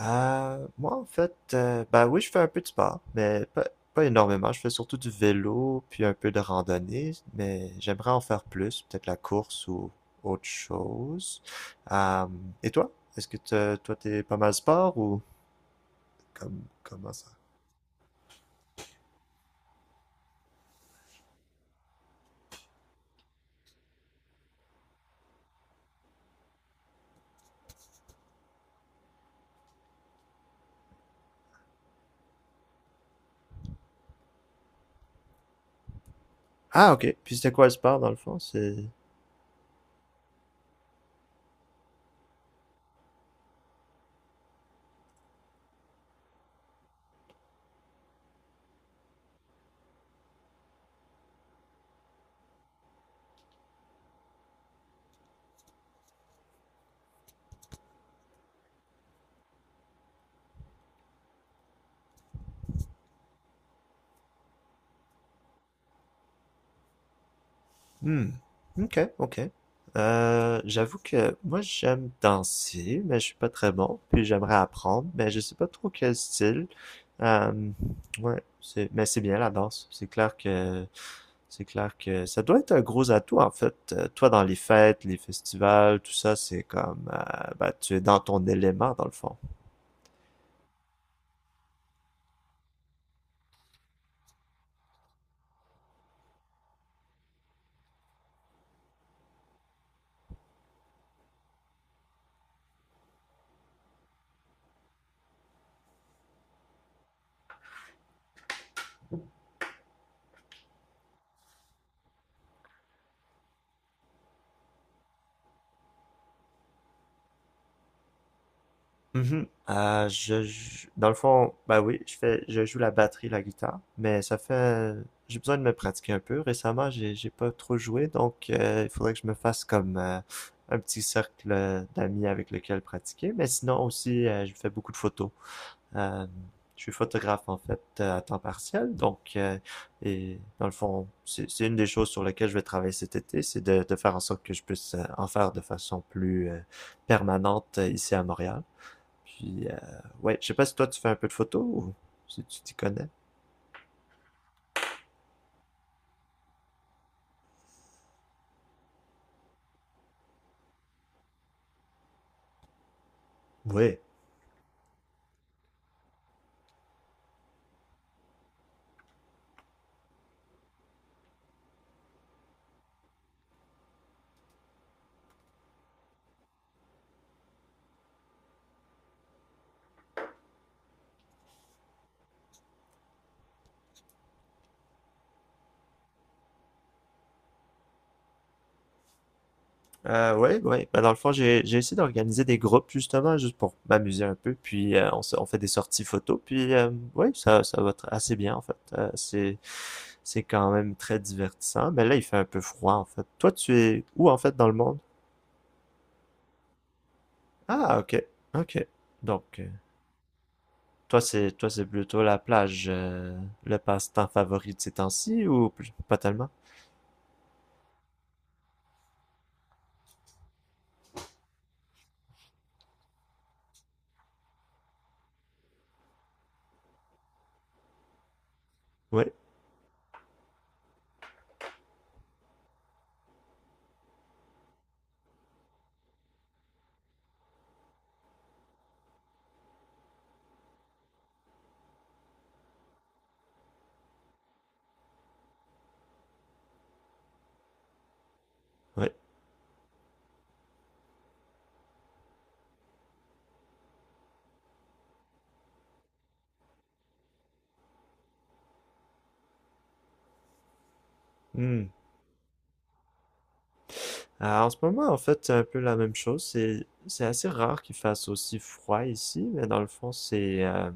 Moi, en fait, ben oui, je fais un peu de sport, mais pas énormément. Je fais surtout du vélo, puis un peu de randonnée, mais j'aimerais en faire plus, peut-être la course ou autre chose. Euh, et toi? Est-ce que toi, t'es pas mal sport ou comment ça? Ah, ok. Puis c'était quoi le sport dans le fond? C'est. Hmm. Ok, ok. J'avoue que moi j'aime danser, mais je suis pas très bon. Puis j'aimerais apprendre, mais je sais pas trop quel style. Euh, ouais, mais c'est bien la danse. C'est clair que ça doit être un gros atout en fait. Toi dans les fêtes, les festivals, tout ça, c'est comme bah, tu es dans ton élément dans le fond. Mhm. Dans le fond, bah oui, je joue la batterie, la guitare, mais ça fait, j'ai besoin de me pratiquer un peu. Récemment, j'ai pas trop joué, donc il faudrait que je me fasse comme un petit cercle d'amis avec lequel pratiquer. Mais sinon aussi, je fais beaucoup de photos. Euh, je suis photographe en fait à temps partiel, donc et dans le fond, c'est une des choses sur lesquelles je vais travailler cet été, c'est de faire en sorte que je puisse en faire de façon plus permanente ici à Montréal. Puis, ouais, je sais pas si toi tu fais un peu de photos ou si tu t'y connais. Oui. Ouais, ouais. Ben, dans le fond, j'ai essayé d'organiser des groupes justement, juste pour m'amuser un peu. Puis, on fait des sorties photos. Puis, ouais, ça va assez bien en fait. C'est quand même très divertissant. Mais là, il fait un peu froid en fait. Toi, tu es où en fait dans le monde? Ah, ok, ok. Donc, toi, c'est plutôt la plage, le passe-temps favori de ces temps-ci ou pas tellement? Oui, oui. Ah, en ce moment, en fait, c'est un peu la même chose. C'est assez rare qu'il fasse aussi froid ici, mais dans le fond, c'est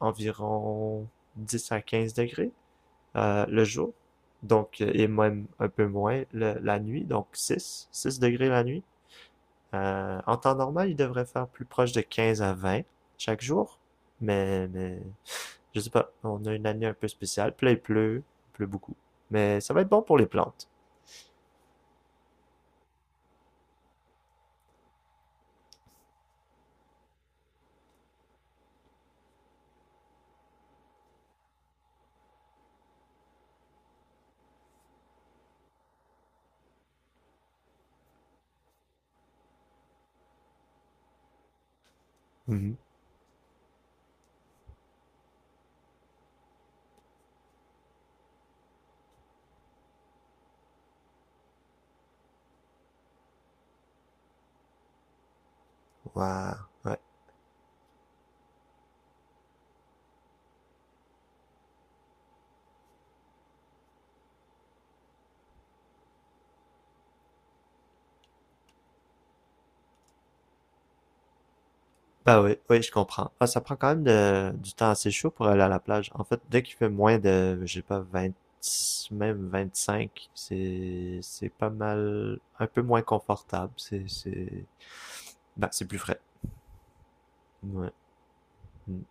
environ 10 à 15 degrés le jour. Donc, et même un peu moins la nuit, donc 6, 6 degrés la nuit. En temps normal, il devrait faire plus proche de 15 à 20 chaque jour. Mais, je sais pas, on a une année un peu spéciale. Puis là, il pleut beaucoup. Mais ça va être bon pour les plantes. Mhm. Waouh, ouais. Bah oui, oui, je comprends. Ah, ça prend quand même du temps assez chaud pour aller à la plage. En fait, dès qu'il fait moins de, je sais pas, 20, même 25, c'est pas mal, un peu moins confortable. Bah, c'est plus frais. Ouais. Mm.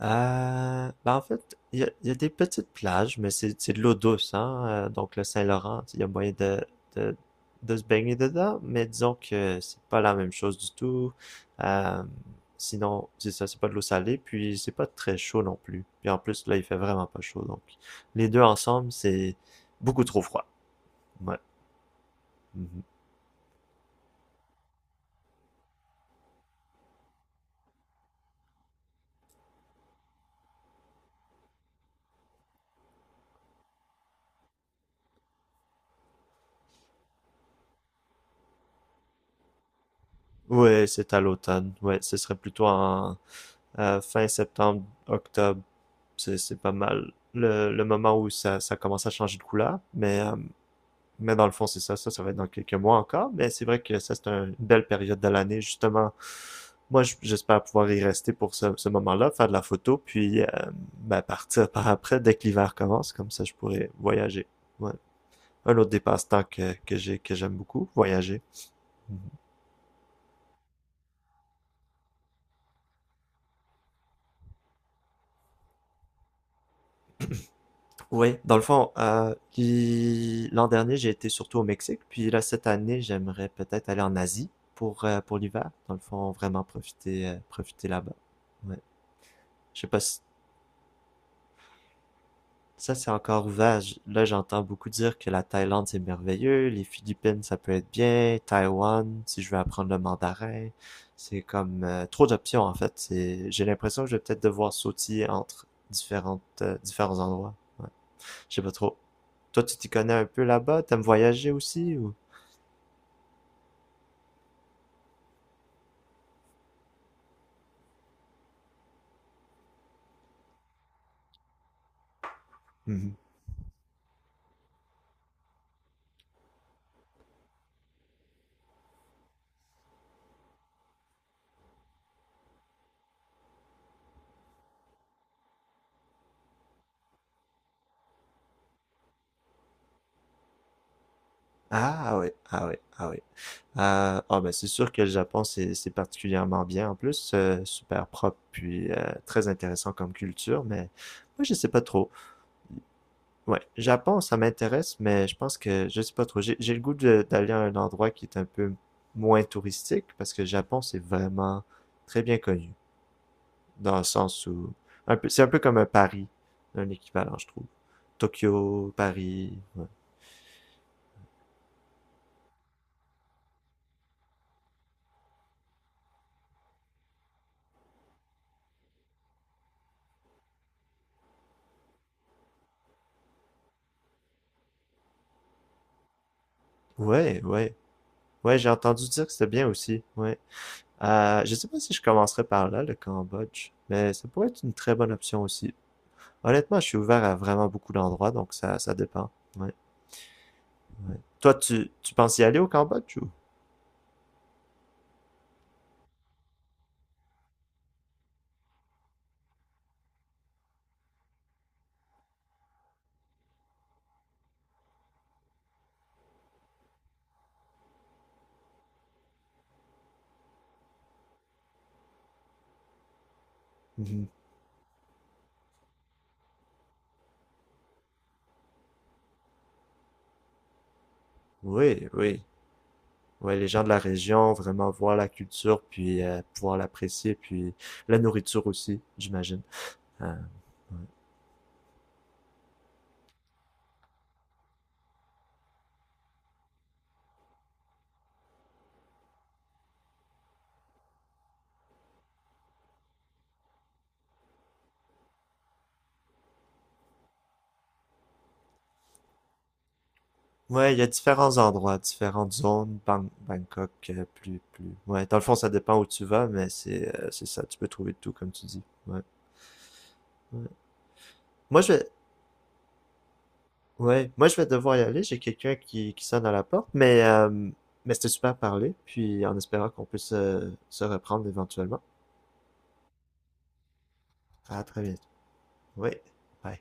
Ben en fait, il y a des petites plages, mais c'est de l'eau douce, hein? Donc le Saint-Laurent, il y a moyen de, de se baigner dedans, mais disons que c'est pas la même chose du tout. Euh, Sinon, c'est ça, c'est pas de l'eau salée, puis c'est pas très chaud non plus. Puis en plus, là, il fait vraiment pas chaud, donc les deux ensemble, c'est beaucoup trop froid. Ouais. Mhm. Ouais, c'est à l'automne. Ouais, ce serait plutôt en fin septembre, octobre, c'est pas mal le moment où ça commence à changer de couleur. Mais dans le fond, c'est ça. Ça va être dans quelques mois encore. Mais c'est vrai que ça, c'est une belle période de l'année, justement. Moi, j'espère pouvoir y rester pour ce moment-là, faire de la photo, puis ben, partir par après dès que l'hiver commence. Comme ça, je pourrais voyager. Ouais. Un autre dépasse-temps que j'ai, que j'aime beaucoup, voyager. Oui, dans le fond, puis l'an dernier, j'ai été surtout au Mexique, puis là, cette année, j'aimerais peut-être aller en Asie pour l'hiver. Dans le fond, vraiment profiter là-bas. Ouais. Je sais pas si ça, c'est encore ouvert. Là, j'entends beaucoup dire que la Thaïlande, c'est merveilleux, les Philippines, ça peut être bien, Taïwan, si je veux apprendre le mandarin. C'est comme trop d'options, en fait. C'est, j'ai l'impression que je vais peut-être devoir sautiller entre différents endroits. Je sais pas trop. Toi, tu t'y connais un peu là-bas? T'aimes voyager aussi ou? Mhm. Ah ouais, ah ouais, ah ouais. Ah, ah, ben c'est sûr que le Japon, c'est particulièrement bien en plus, super propre, puis très intéressant comme culture, mais moi je sais pas trop. Ouais, Japon, ça m'intéresse, mais je pense que je sais pas trop. J'ai le goût d'aller à un endroit qui est un peu moins touristique, parce que le Japon, c'est vraiment très bien connu. Dans le sens où c'est un peu comme un Paris, un équivalent, je trouve. Tokyo, Paris, ouais. Ouais, ouais. Ouais, j'ai entendu dire que c'était bien aussi. Ouais. Je sais pas si je commencerai par là, le Cambodge, mais ça pourrait être une très bonne option aussi. Honnêtement, je suis ouvert à vraiment beaucoup d'endroits, donc ça dépend. Ouais. Toi, tu penses y aller au Cambodge ou? Mhm. Oui, oui. Ouais, les gens de la région, vraiment voir la culture, puis pouvoir l'apprécier, puis la nourriture aussi, j'imagine. Euh, ouais, ouais, il y a différents endroits, différentes zones, Bangkok, plus, plus. Ouais, dans le fond, ça dépend où tu vas, mais c'est ça, tu peux trouver tout, comme tu dis. Ouais, ouais. Moi, je vais, ouais, moi, je vais devoir y aller, j'ai quelqu'un qui sonne à la porte, mais c'était super à parler, puis en espérant qu'on puisse se reprendre éventuellement. À très bientôt. Oui. Bye.